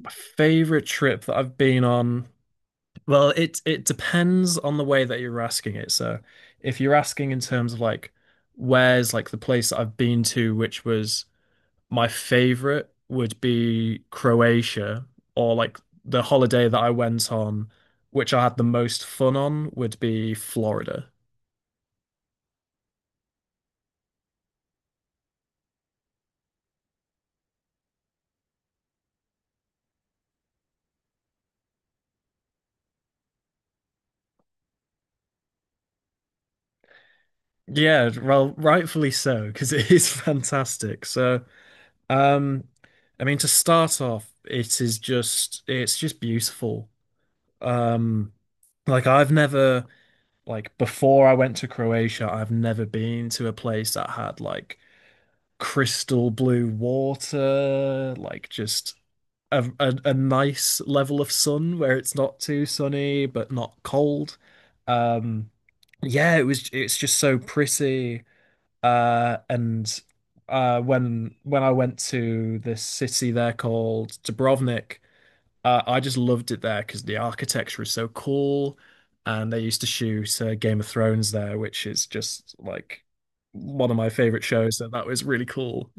My favorite trip that I've been on, well, it depends on the way that you're asking it. So, if you're asking in terms of like where's like the place that I've been to, which was my favorite, would be Croatia, or like the holiday that I went on, which I had the most fun on, would be Florida. Yeah, well, rightfully so, because it is fantastic. So, um, I mean, to start off, it is just beautiful. Um, like I've never like before I went to Croatia, I've never been to a place that had like crystal blue water, like just a nice level of sun where it's not too sunny but not cold. Um, yeah, it's just so pretty. And when I went to this city there called Dubrovnik. I just loved it there because the architecture is so cool, and they used to shoot Game of Thrones there, which is just like one of my favorite shows. So that was really cool.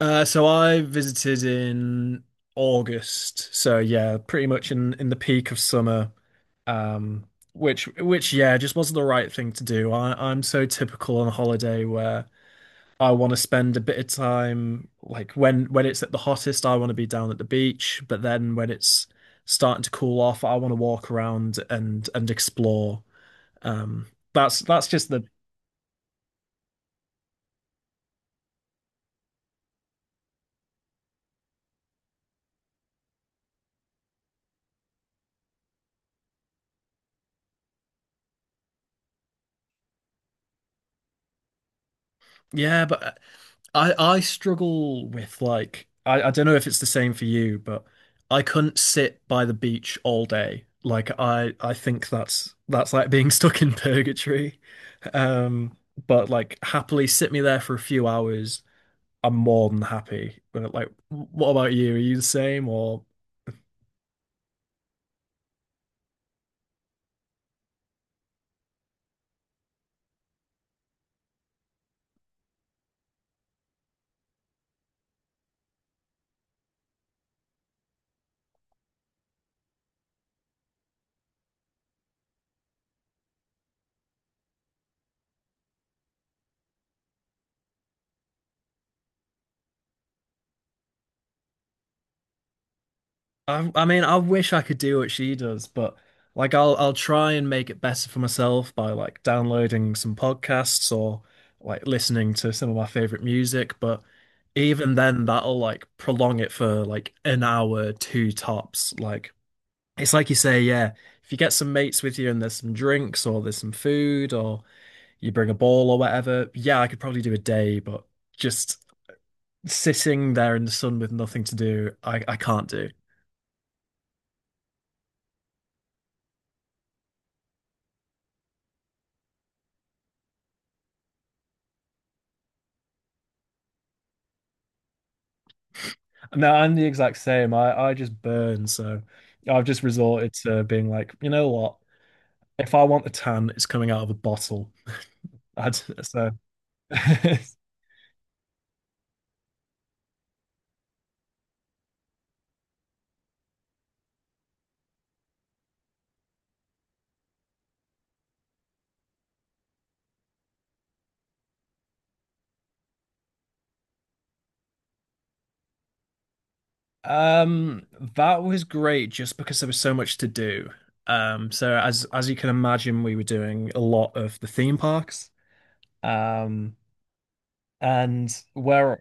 So I visited in August. So yeah, pretty much in the peak of summer. Um, which yeah, just wasn't the right thing to do. I'm so typical on a holiday where I want to spend a bit of time, like when it's at the hottest, I want to be down at the beach, but then when it's starting to cool off, I want to walk around and explore. Um that's just the Yeah, but I struggle with, like, I don't know if it's the same for you, but I couldn't sit by the beach all day. Like I think that's like being stuck in purgatory. Um but like happily sit me there for a few hours, I'm more than happy. But, like, what about you? Are you the same or I mean, I wish I could do what she does, but like I'll try and make it better for myself by like downloading some podcasts or like listening to some of my favorite music, but even then that'll like prolong it for like an hour, two tops. Like it's like you say, yeah, if you get some mates with you and there's some drinks or there's some food or you bring a ball or whatever, yeah, I could probably do a day, but just sitting there in the sun with nothing to do, I can't do. No, I'm the exact same. I just burn, so I've just resorted to being like, you know what? If I want a tan, it's coming out of a bottle. I'd, so Um, that was great just because there was so much to do. So as you can imagine, we were doing a lot of the theme parks. Um, and where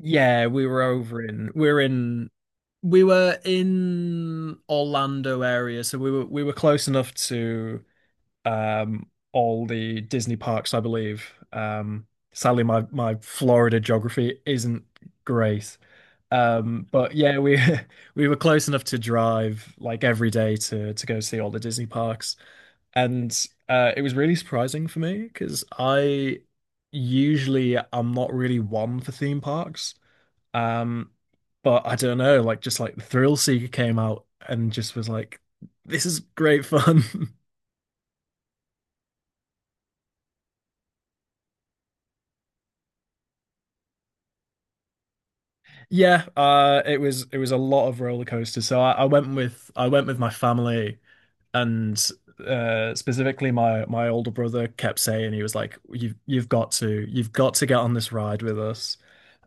Yeah, we were over in we were in we were in Orlando area, so we were close enough to um all the Disney parks, I believe. Sadly my Florida geography isn't great. But yeah, we we were close enough to drive like every day to go see all the Disney parks, and it was really surprising for me because I usually I'm not really one for theme parks. Um, but I don't know, like just like the Thrill Seeker came out and just was like, this is great fun. Yeah, it was a lot of roller coasters. So I went with my family, and specifically my older brother kept saying, he was like, you've got to get on this ride with us,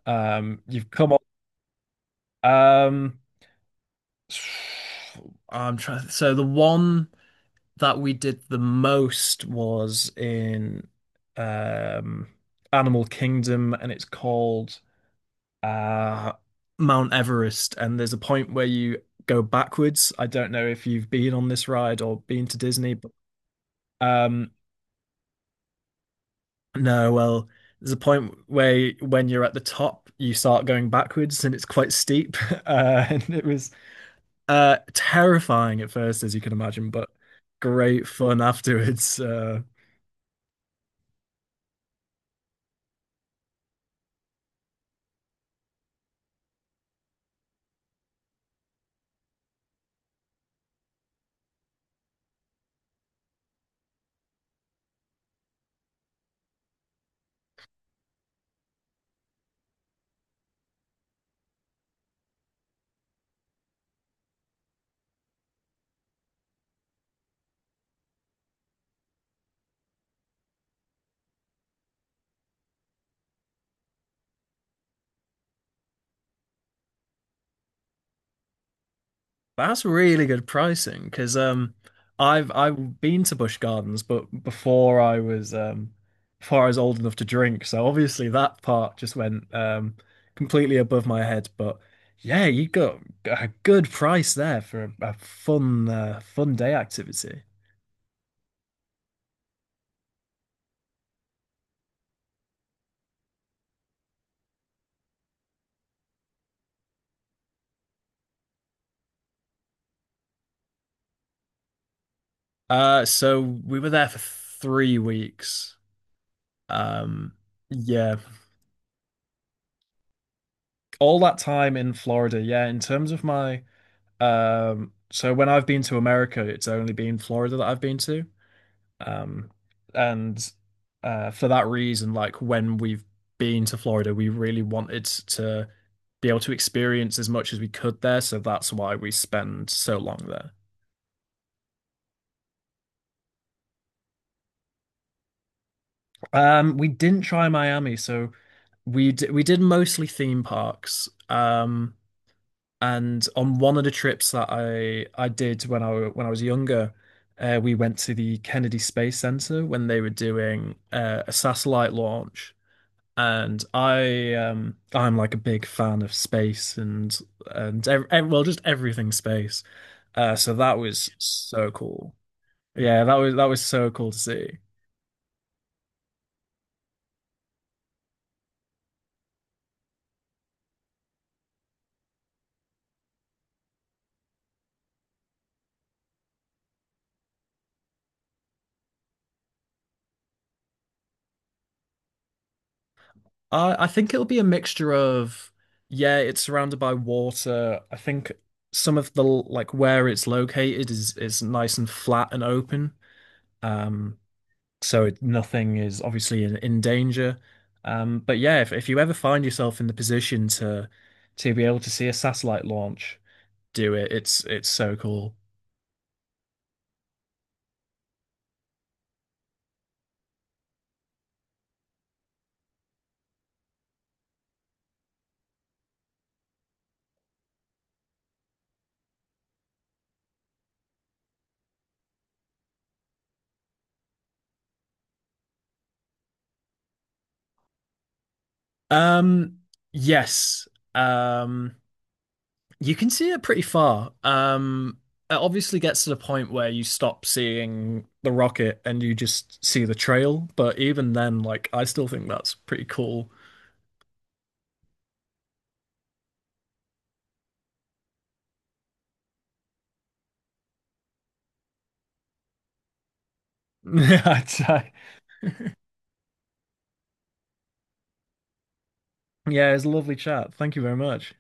you've come on. Um I'm trying so The one that we did the most was in um Animal Kingdom, and it's called uh Mount Everest, and there's a point where you go backwards. I don't know if you've been on this ride or been to Disney, but um no, well, there's a point where when you're at the top, you start going backwards and it's quite steep. And it was terrifying at first, as you can imagine, but great fun afterwards. That's really good pricing because I've been to Busch Gardens, but before I was old enough to drink, so obviously that part just went completely above my head. But yeah, you got a good price there for a fun, fun day activity. So we were there for 3 weeks. Um yeah, all that time in Florida, yeah. In terms of my Um, so when I've been to America, it's only been Florida that I've been to. Um, and for that reason, like when we've been to Florida, we really wanted to be able to experience as much as we could there. So that's why we spend so long there. We didn't try Miami, so we did mostly theme parks. And on one of the trips that I did when I was younger, we went to the Kennedy Space Center when they were doing a satellite launch. And I I'm like a big fan of space and well, just everything space. So that was so cool. Yeah, that was so cool to see. I think it'll be a mixture of, yeah, it's surrounded by water. I think some of the, like, where it's located is nice and flat and open. Um, so it, nothing is obviously in danger. But yeah, if you ever find yourself in the position to be able to see a satellite launch, do it. It's so cool. Um, yes. Um, You can see it pretty far. It obviously gets to the point where you stop seeing the rocket and you just see the trail. But even then, like, I still think that's pretty cool. Yeah, it's, yeah, a lovely chat. Thank you very much.